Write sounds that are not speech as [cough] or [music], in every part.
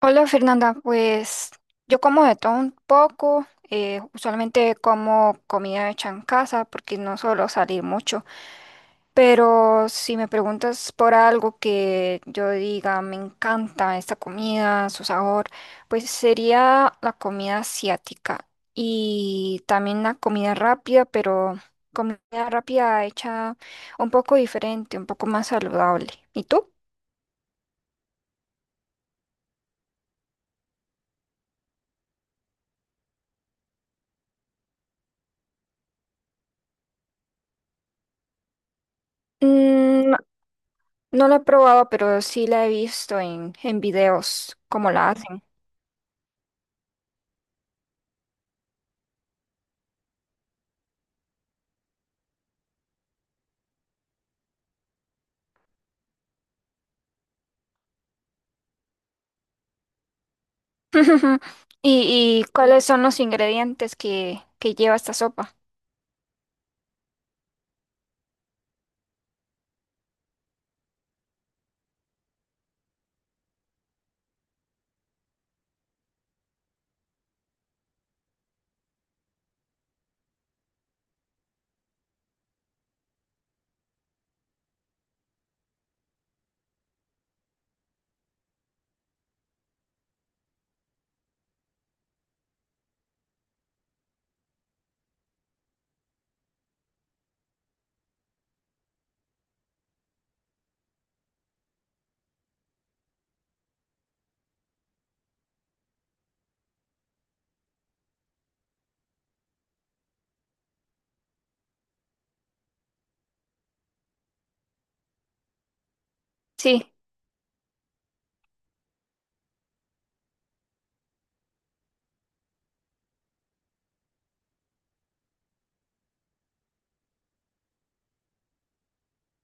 Hola Fernanda, pues yo como de todo un poco, usualmente como comida hecha en casa porque no suelo salir mucho, pero si me preguntas por algo que yo diga me encanta esta comida, su sabor, pues sería la comida asiática y también la comida rápida, pero comida rápida hecha un poco diferente, un poco más saludable. ¿Y tú? Mm. No la he probado, pero sí la he visto en videos, cómo la hacen. [laughs] Y cuáles son los ingredientes que lleva esta sopa? Sí.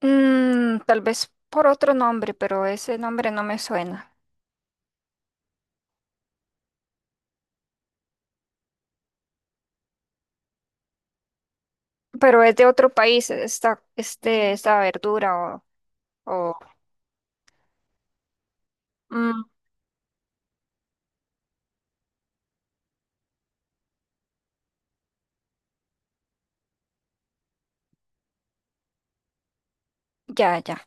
Mm, tal vez por otro nombre, pero ese nombre no me suena. Pero es de otro país, esta verdura o mm, ya, ya,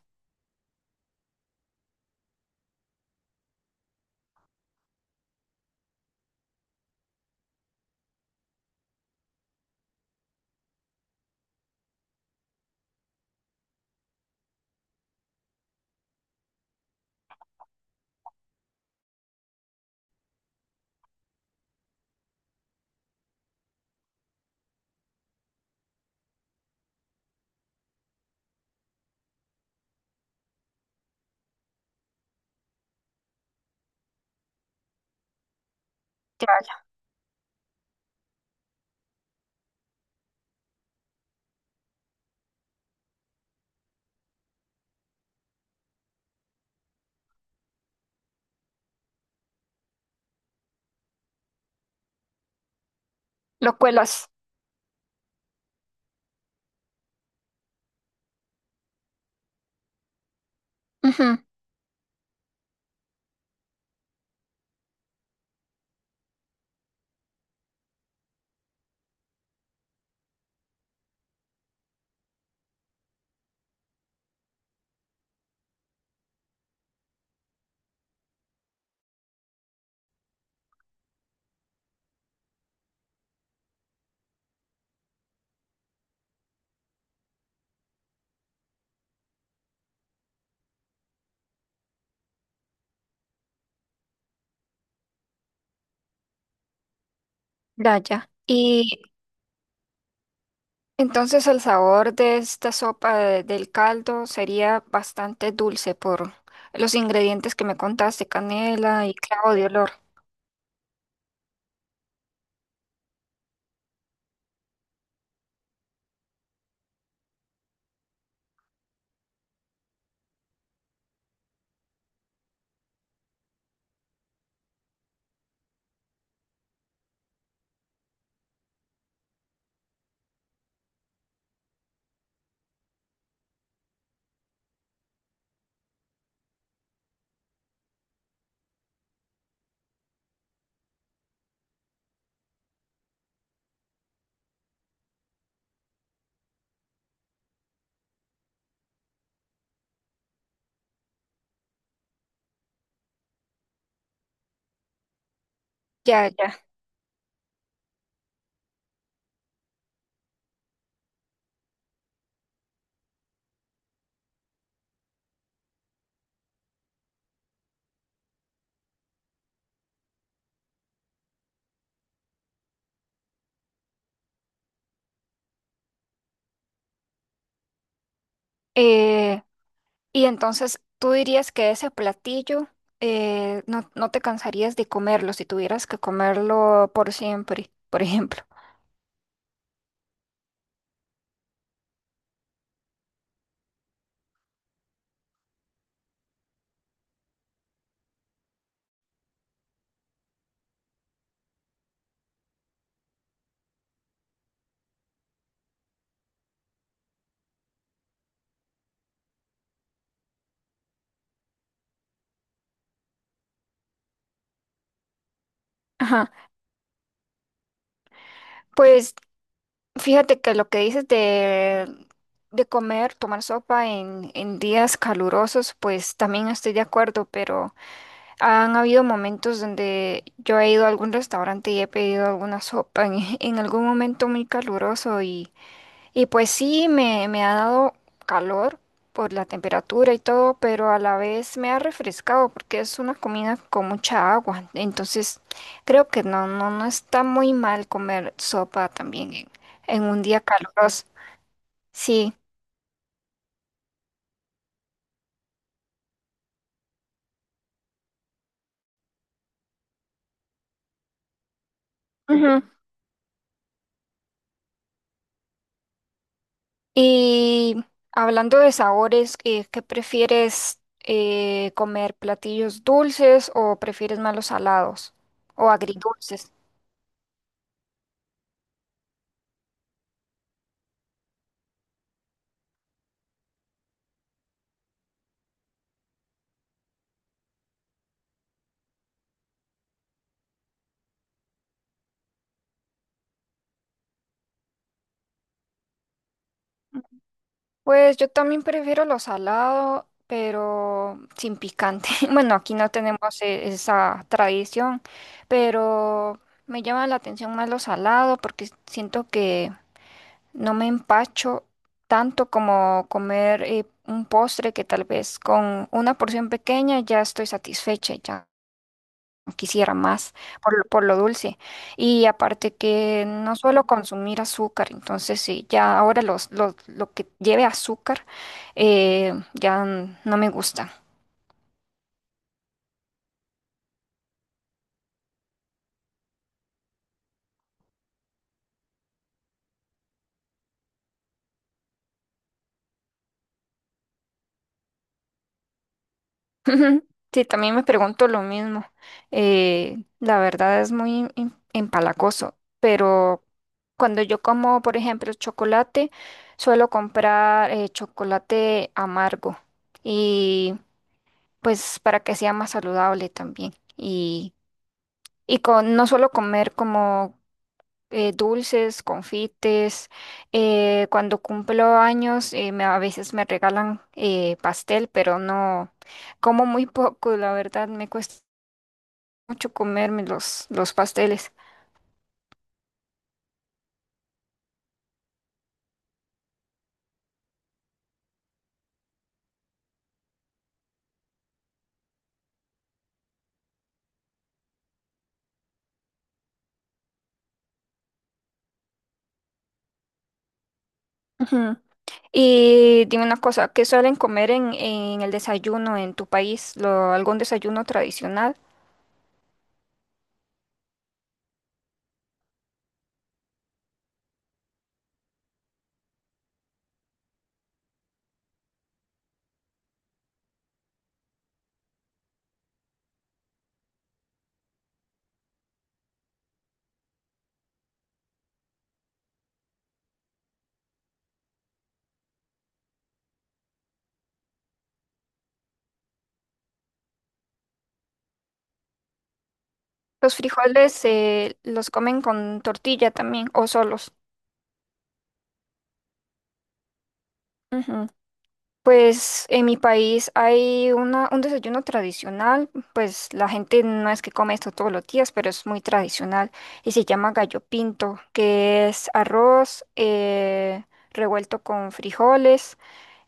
ya, ya. Lo cuelas. Ujú. Ya, ya. Y Entonces el sabor de esta sopa del caldo sería bastante dulce por los ingredientes que me contaste, canela y clavo de olor. Ya, ya. Eh, y entonces tú dirías que ese platillo, no, no te cansarías de comerlo si tuvieras que comerlo por siempre, por ejemplo. Ajá. Pues fíjate que lo que dices de comer, tomar sopa en días calurosos, pues también estoy de acuerdo, pero... Han habido momentos donde yo he ido a algún restaurante y he pedido alguna sopa en, [laughs] en algún momento muy caluroso y pues sí, me ha dado calor por la temperatura y todo, pero a la vez me ha refrescado porque es una comida con mucha agua. Entonces creo que no, no, no está muy mal comer sopa también en un día caluroso. Sí. Y hablando de sabores, ¿qué prefieres comer? ¿Platillos dulces o prefieres más los salados o agridulces? Pues yo también prefiero los salados, pero sin picante. [laughs] Bueno, aquí no tenemos esa tradición, pero me llama la atención más los salados porque siento que no me empacho tanto como comer un postre que tal vez con una porción pequeña ya estoy satisfecha y ya. Quisiera más por lo dulce. Y aparte que no suelo consumir azúcar, entonces sí, ya ahora lo que lleve azúcar ya no me gusta. [laughs] Sí, también me pregunto lo mismo. La verdad es muy empalagoso, pero cuando yo como, por ejemplo, chocolate, suelo comprar chocolate amargo y pues para que sea más saludable también. Y con no solo comer como dulces, confites, cuando cumplo años, a veces me regalan pastel, pero no, como muy poco, la verdad, me cuesta mucho comerme los pasteles. Ujú. Y dime una cosa, ¿qué suelen comer en el desayuno en tu país? Algún desayuno tradicional? ¿Los frijoles, los comen con tortilla también o solos? Pues en mi país hay un desayuno tradicional, pues la gente no es que come esto todos los días, pero es muy tradicional y se llama gallo pinto, que es arroz, revuelto con frijoles.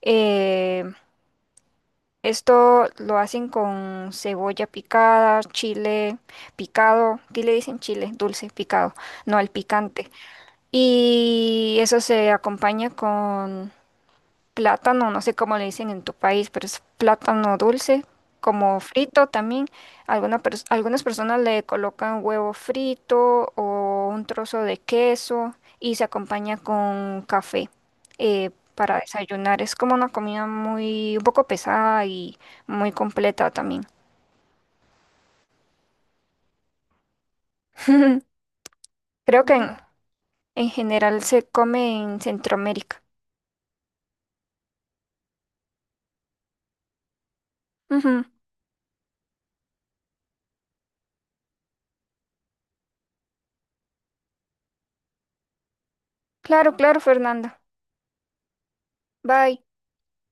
Eh, esto lo hacen con cebolla picada, chile picado, aquí le dicen chile dulce picado, no al picante. Y eso se acompaña con plátano, no sé cómo le dicen en tu país, pero es plátano dulce, como frito también. Algunas personas le colocan huevo frito o un trozo de queso y se acompaña con café, para desayunar. Es como una comida muy, un poco pesada y muy completa también. [laughs] Creo que en general se come en Centroamérica. Ujú. Claro, claro, Fernanda. Bye.